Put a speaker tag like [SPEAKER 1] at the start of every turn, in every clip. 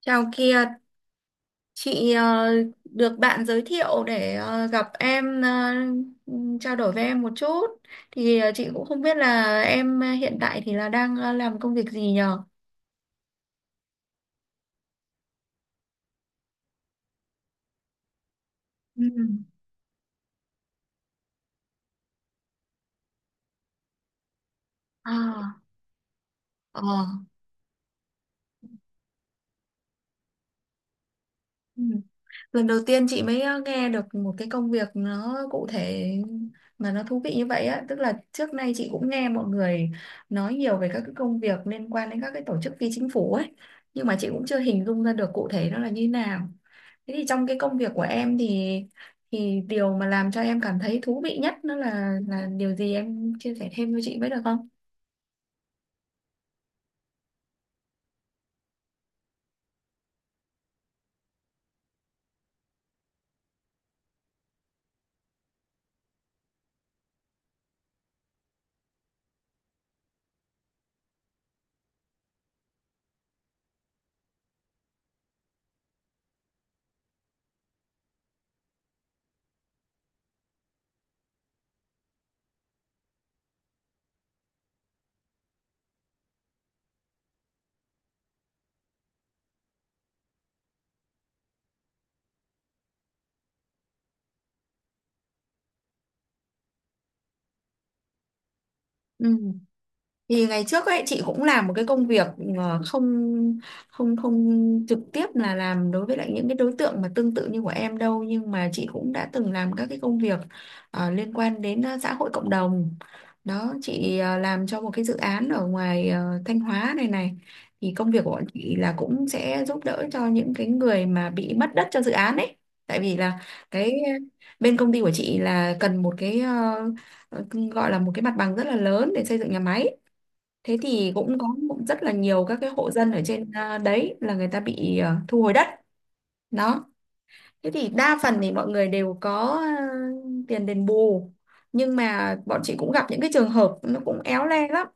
[SPEAKER 1] Chào Kiệt, chị được bạn giới thiệu để gặp em trao đổi với em một chút. Chị cũng không biết là em hiện tại thì là đang làm công việc gì nhờ? Ừ. À, ờ. Lần đầu tiên chị mới nghe được một cái công việc nó cụ thể mà nó thú vị như vậy á, tức là trước nay chị cũng nghe mọi người nói nhiều về các cái công việc liên quan đến các cái tổ chức phi chính phủ ấy, nhưng mà chị cũng chưa hình dung ra được cụ thể nó là như nào. Thế thì trong cái công việc của em thì điều mà làm cho em cảm thấy thú vị nhất nó là điều gì, em chia sẻ thêm với chị với được không? Ừ. Thì ngày trước ấy chị cũng làm một cái công việc không không không trực tiếp là làm đối với lại những cái đối tượng mà tương tự như của em đâu, nhưng mà chị cũng đã từng làm các cái công việc liên quan đến xã hội cộng đồng. Đó, chị làm cho một cái dự án ở ngoài Thanh Hóa này này. Thì công việc của bọn chị là cũng sẽ giúp đỡ cho những cái người mà bị mất đất cho dự án ấy, tại vì là cái bên công ty của chị là cần một cái ờ, gọi là một cái mặt bằng rất là lớn để xây dựng nhà máy. Thế thì cũng có cũng rất là nhiều các cái hộ dân ở trên à, đấy là người ta bị à, thu hồi đất. Đó. Thế thì đa phần thì mọi người đều có à, tiền đền bù. Nhưng mà bọn chị cũng gặp những cái trường hợp nó cũng éo le lắm.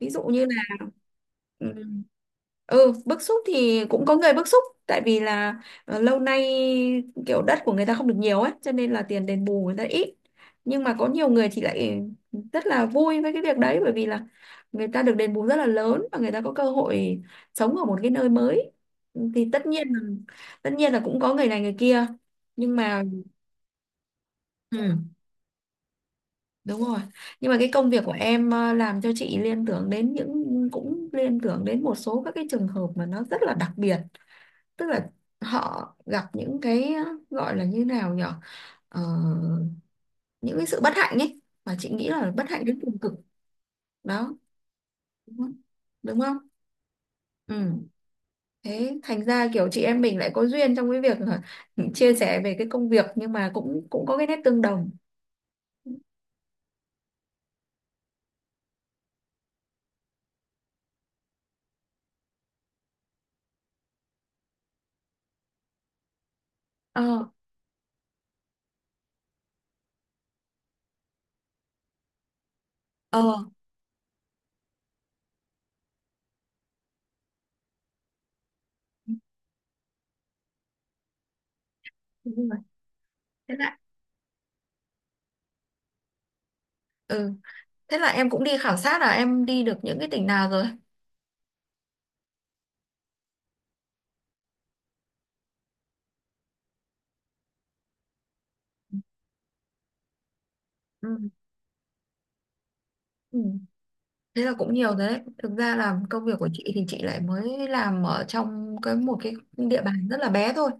[SPEAKER 1] Ví dụ như Ừ, ừ, bức xúc thì cũng có người bức xúc, tại vì là lâu nay kiểu đất của người ta không được nhiều ấy cho nên là tiền đền bù người ta ít, nhưng mà có nhiều người thì lại rất là vui với cái việc đấy, bởi vì là người ta được đền bù rất là lớn và người ta có cơ hội sống ở một cái nơi mới. Thì tất nhiên là cũng có người này người kia, nhưng mà Ừ. Đúng rồi. Nhưng mà cái công việc của em làm cho chị liên tưởng đến những liên tưởng đến một số các cái trường hợp mà nó rất là đặc biệt, tức là họ gặp những cái gọi là như nào nhở. Ờ, những cái sự bất hạnh ấy mà chị nghĩ là bất hạnh đến cùng cực đó. Đúng không? Đúng không? Ừ. Thế thành ra kiểu chị em mình lại có duyên trong cái việc là chia sẻ về cái công việc nhưng mà cũng cũng có cái nét tương đồng. Ờ, ờ. Đúng rồi. Thế lại ừ. Thế là em cũng đi khảo sát, là em đi được những cái tỉnh nào rồi? Ừ. Ừ. Thế là cũng nhiều rồi đấy. Thực ra là công việc của chị thì chị lại mới làm ở trong cái một cái địa bàn rất là bé thôi.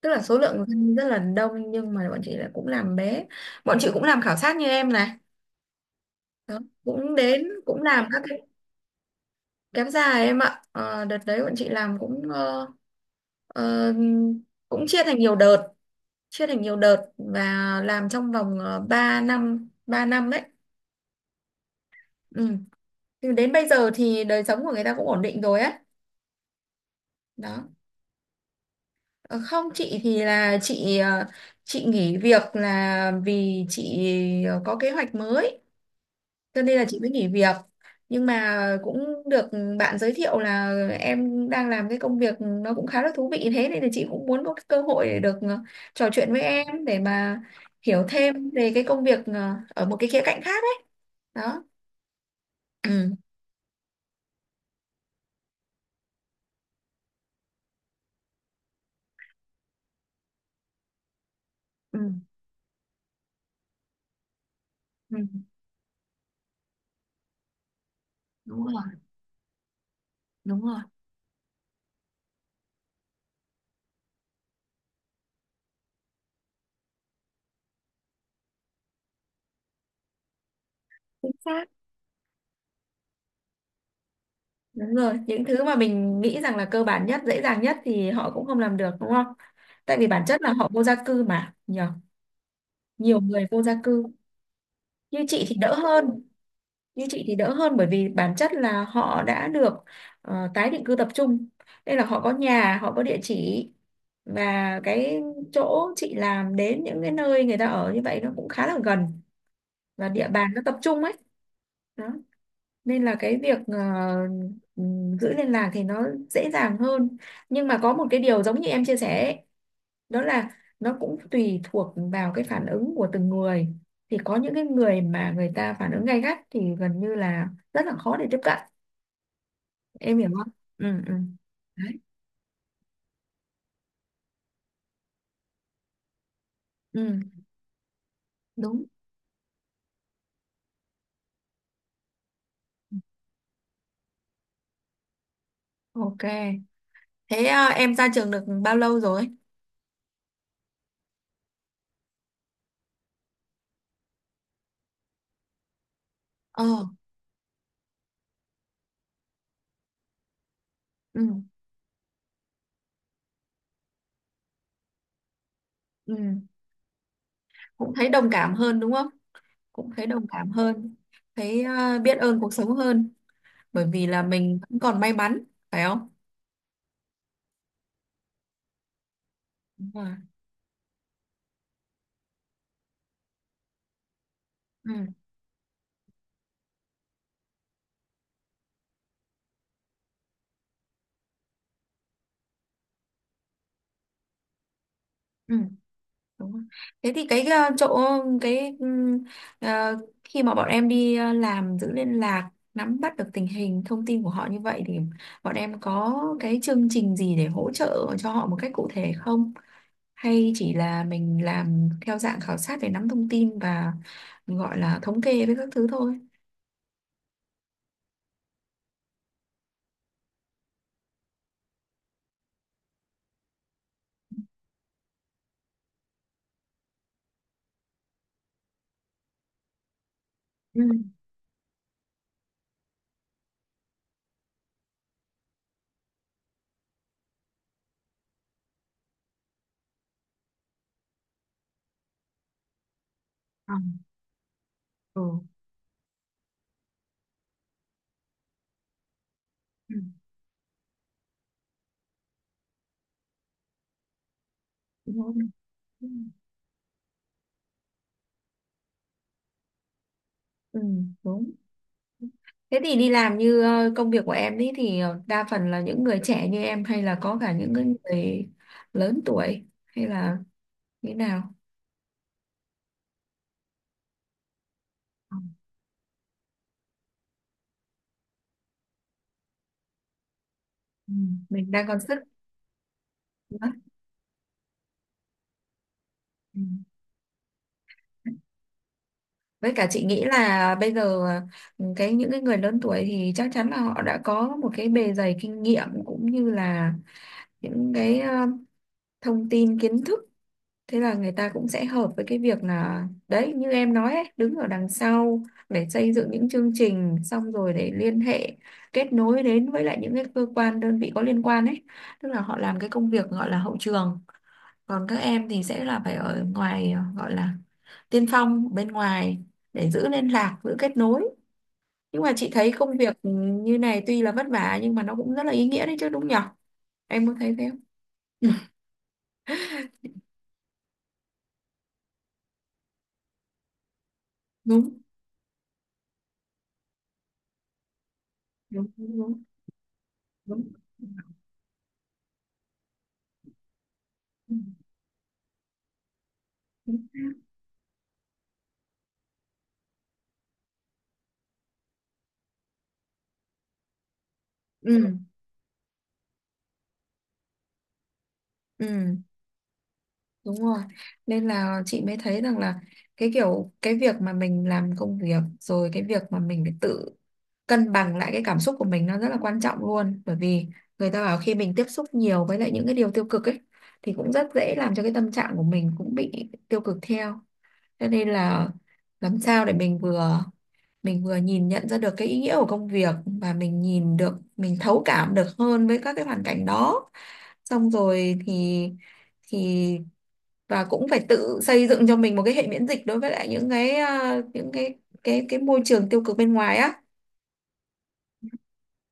[SPEAKER 1] Tức là số lượng Ừ. dân rất là đông, nhưng mà bọn chị lại cũng làm bé. Bọn chị cũng làm khảo sát như em này. Đó. Cũng đến cũng làm các cái kém dài em ạ. Ờ, Đợt đấy bọn chị làm cũng ờ, cũng chia thành nhiều đợt, chia thành nhiều đợt và làm trong vòng 3 năm, 3 năm đấy. Ừ. Nhưng đến bây giờ thì đời sống của người ta cũng ổn định rồi á. Đó. Ờ, Không, chị thì là chị chị nghỉ việc là vì chị có kế hoạch mới cho nên là chị mới nghỉ việc. Nhưng mà cũng được bạn giới thiệu là em đang làm cái công việc nó cũng khá là thú vị, thế nên là chị cũng muốn có cái cơ hội để được trò chuyện với em để mà hiểu thêm về cái công việc ở một cái khía cạnh khác ấy. Đó. Ừ. Ừ, ừ. Đúng rồi, đúng rồi. Chính xác. Đúng rồi, những thứ mà mình nghĩ rằng là cơ bản nhất, dễ dàng nhất thì họ cũng không làm được, đúng không? Tại vì bản chất là họ vô gia cư mà, nhờ. Nhiều người vô gia cư. Như chị thì đỡ hơn, bởi vì bản chất là họ đã được tái định cư tập trung. Đây là họ có nhà, họ có địa chỉ và cái chỗ chị làm đến những cái nơi người ta ở như vậy nó cũng khá là gần và địa bàn nó tập trung ấy. Đó. Nên là cái việc giữ liên lạc thì nó dễ dàng hơn, nhưng mà có một cái điều giống như em chia sẻ ấy, đó là nó cũng tùy thuộc vào cái phản ứng của từng người. Thì có những cái người mà người ta phản ứng gay gắt thì gần như là rất là khó để tiếp cận, em hiểu không. Ừ, ừ, đấy, ừ, đúng, ok. Thế em ra trường được bao lâu rồi? Ờ, ừ, ừ, cũng thấy đồng cảm hơn đúng không, cũng thấy đồng cảm hơn, thấy biết ơn cuộc sống hơn, bởi vì là mình vẫn còn may mắn, phải không? Đúng rồi. Ừ. Ừ. Đúng rồi. Thế thì cái chỗ cái ờ, khi mà bọn em đi làm giữ liên lạc nắm bắt được tình hình thông tin của họ như vậy thì bọn em có cái chương trình gì để hỗ trợ cho họ một cách cụ thể không? Hay chỉ là mình làm theo dạng khảo sát để nắm thông tin và gọi là thống kê với các thứ thôi? Ừ. Ừ. Ừ. Ừ. Đúng rồi. Ừ, đúng. Thế thì đi làm như công việc của em ấy thì đa phần là những người trẻ như em hay là có cả những cái người lớn tuổi hay là như thế nào? Ừ. Ừ, mình đang còn sức nữa. Ừ. Với cả chị nghĩ là bây giờ cái những cái người lớn tuổi thì chắc chắn là họ đã có một cái bề dày kinh nghiệm cũng như là những cái thông tin kiến thức, thế là người ta cũng sẽ hợp với cái việc là đấy như em nói ấy, đứng ở đằng sau để xây dựng những chương trình xong rồi để liên hệ kết nối đến với lại những cái cơ quan đơn vị có liên quan ấy, tức là họ làm cái công việc gọi là hậu trường, còn các em thì sẽ là phải ở ngoài gọi là tiên phong bên ngoài để giữ liên lạc giữ kết nối. Nhưng mà chị thấy công việc như này tuy là vất vả nhưng mà nó cũng rất là ý nghĩa đấy chứ, đúng nhở, em có thấy thế không? Đúng, đúng, đúng, đúng, chính xác. Ừ, ừ, đúng rồi, nên là chị mới thấy rằng là cái kiểu cái việc mà mình làm công việc rồi cái việc mà mình phải tự cân bằng lại cái cảm xúc của mình nó rất là quan trọng luôn, bởi vì người ta bảo khi mình tiếp xúc nhiều với lại những cái điều tiêu cực ấy thì cũng rất dễ làm cho cái tâm trạng của mình cũng bị tiêu cực theo, cho nên là làm sao để mình vừa nhìn nhận ra được cái ý nghĩa của công việc và mình nhìn được mình thấu cảm được hơn với các cái hoàn cảnh đó, xong rồi thì thì và cũng phải tự xây dựng cho mình một cái hệ miễn dịch đối với lại những cái à, những cái cái môi trường tiêu cực bên ngoài á,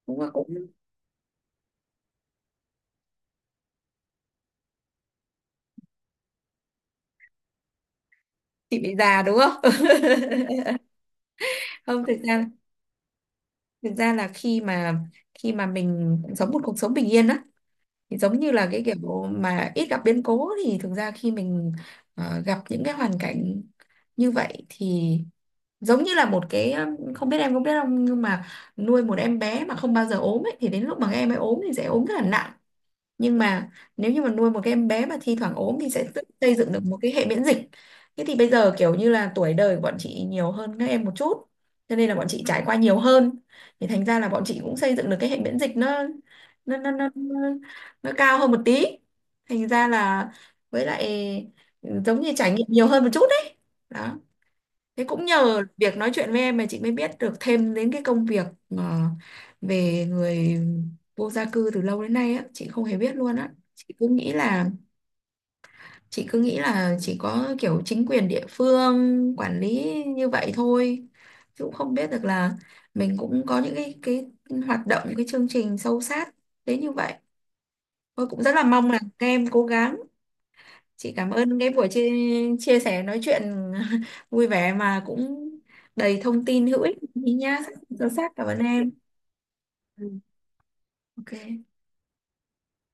[SPEAKER 1] đúng là cũng chị bị già đúng không. Không, thực ra thực ra là khi mà mình sống một cuộc sống bình yên á thì giống như là cái kiểu mà ít gặp biến cố, thì thực ra khi mình gặp những cái hoàn cảnh như vậy thì giống như là một cái không biết em có biết không nhưng mà nuôi một em bé mà không bao giờ ốm ấy thì đến lúc mà các em ấy ốm thì sẽ ốm rất là nặng, nhưng mà nếu như mà nuôi một cái em bé mà thi thoảng ốm thì sẽ tự xây dựng được một cái hệ miễn dịch. Thế thì bây giờ kiểu như là tuổi đời của bọn chị nhiều hơn các em một chút cho nên là bọn chị trải qua nhiều hơn, thì thành ra là bọn chị cũng xây dựng được cái hệ miễn dịch nó nó nó nó, nó, nó cao hơn một tí, thành ra là với lại ừ, giống như trải nghiệm nhiều hơn một chút đấy. Đó. Thế cũng nhờ việc nói chuyện với em mà chị mới biết được thêm đến cái công việc ờ, về người vô gia cư, từ lâu đến nay á, chị không hề biết luôn á. Chị cứ nghĩ là chỉ có kiểu chính quyền địa phương quản lý như vậy thôi. Chứ cũng không biết được là mình cũng có những cái hoạt động cái chương trình sâu sát đến như vậy. Tôi cũng rất là mong là các em cố gắng. Chị cảm ơn cái buổi chia sẻ nói chuyện vui vẻ mà cũng đầy thông tin hữu ích nhá, sâu sắc, cảm ơn em. Ừ. Ok.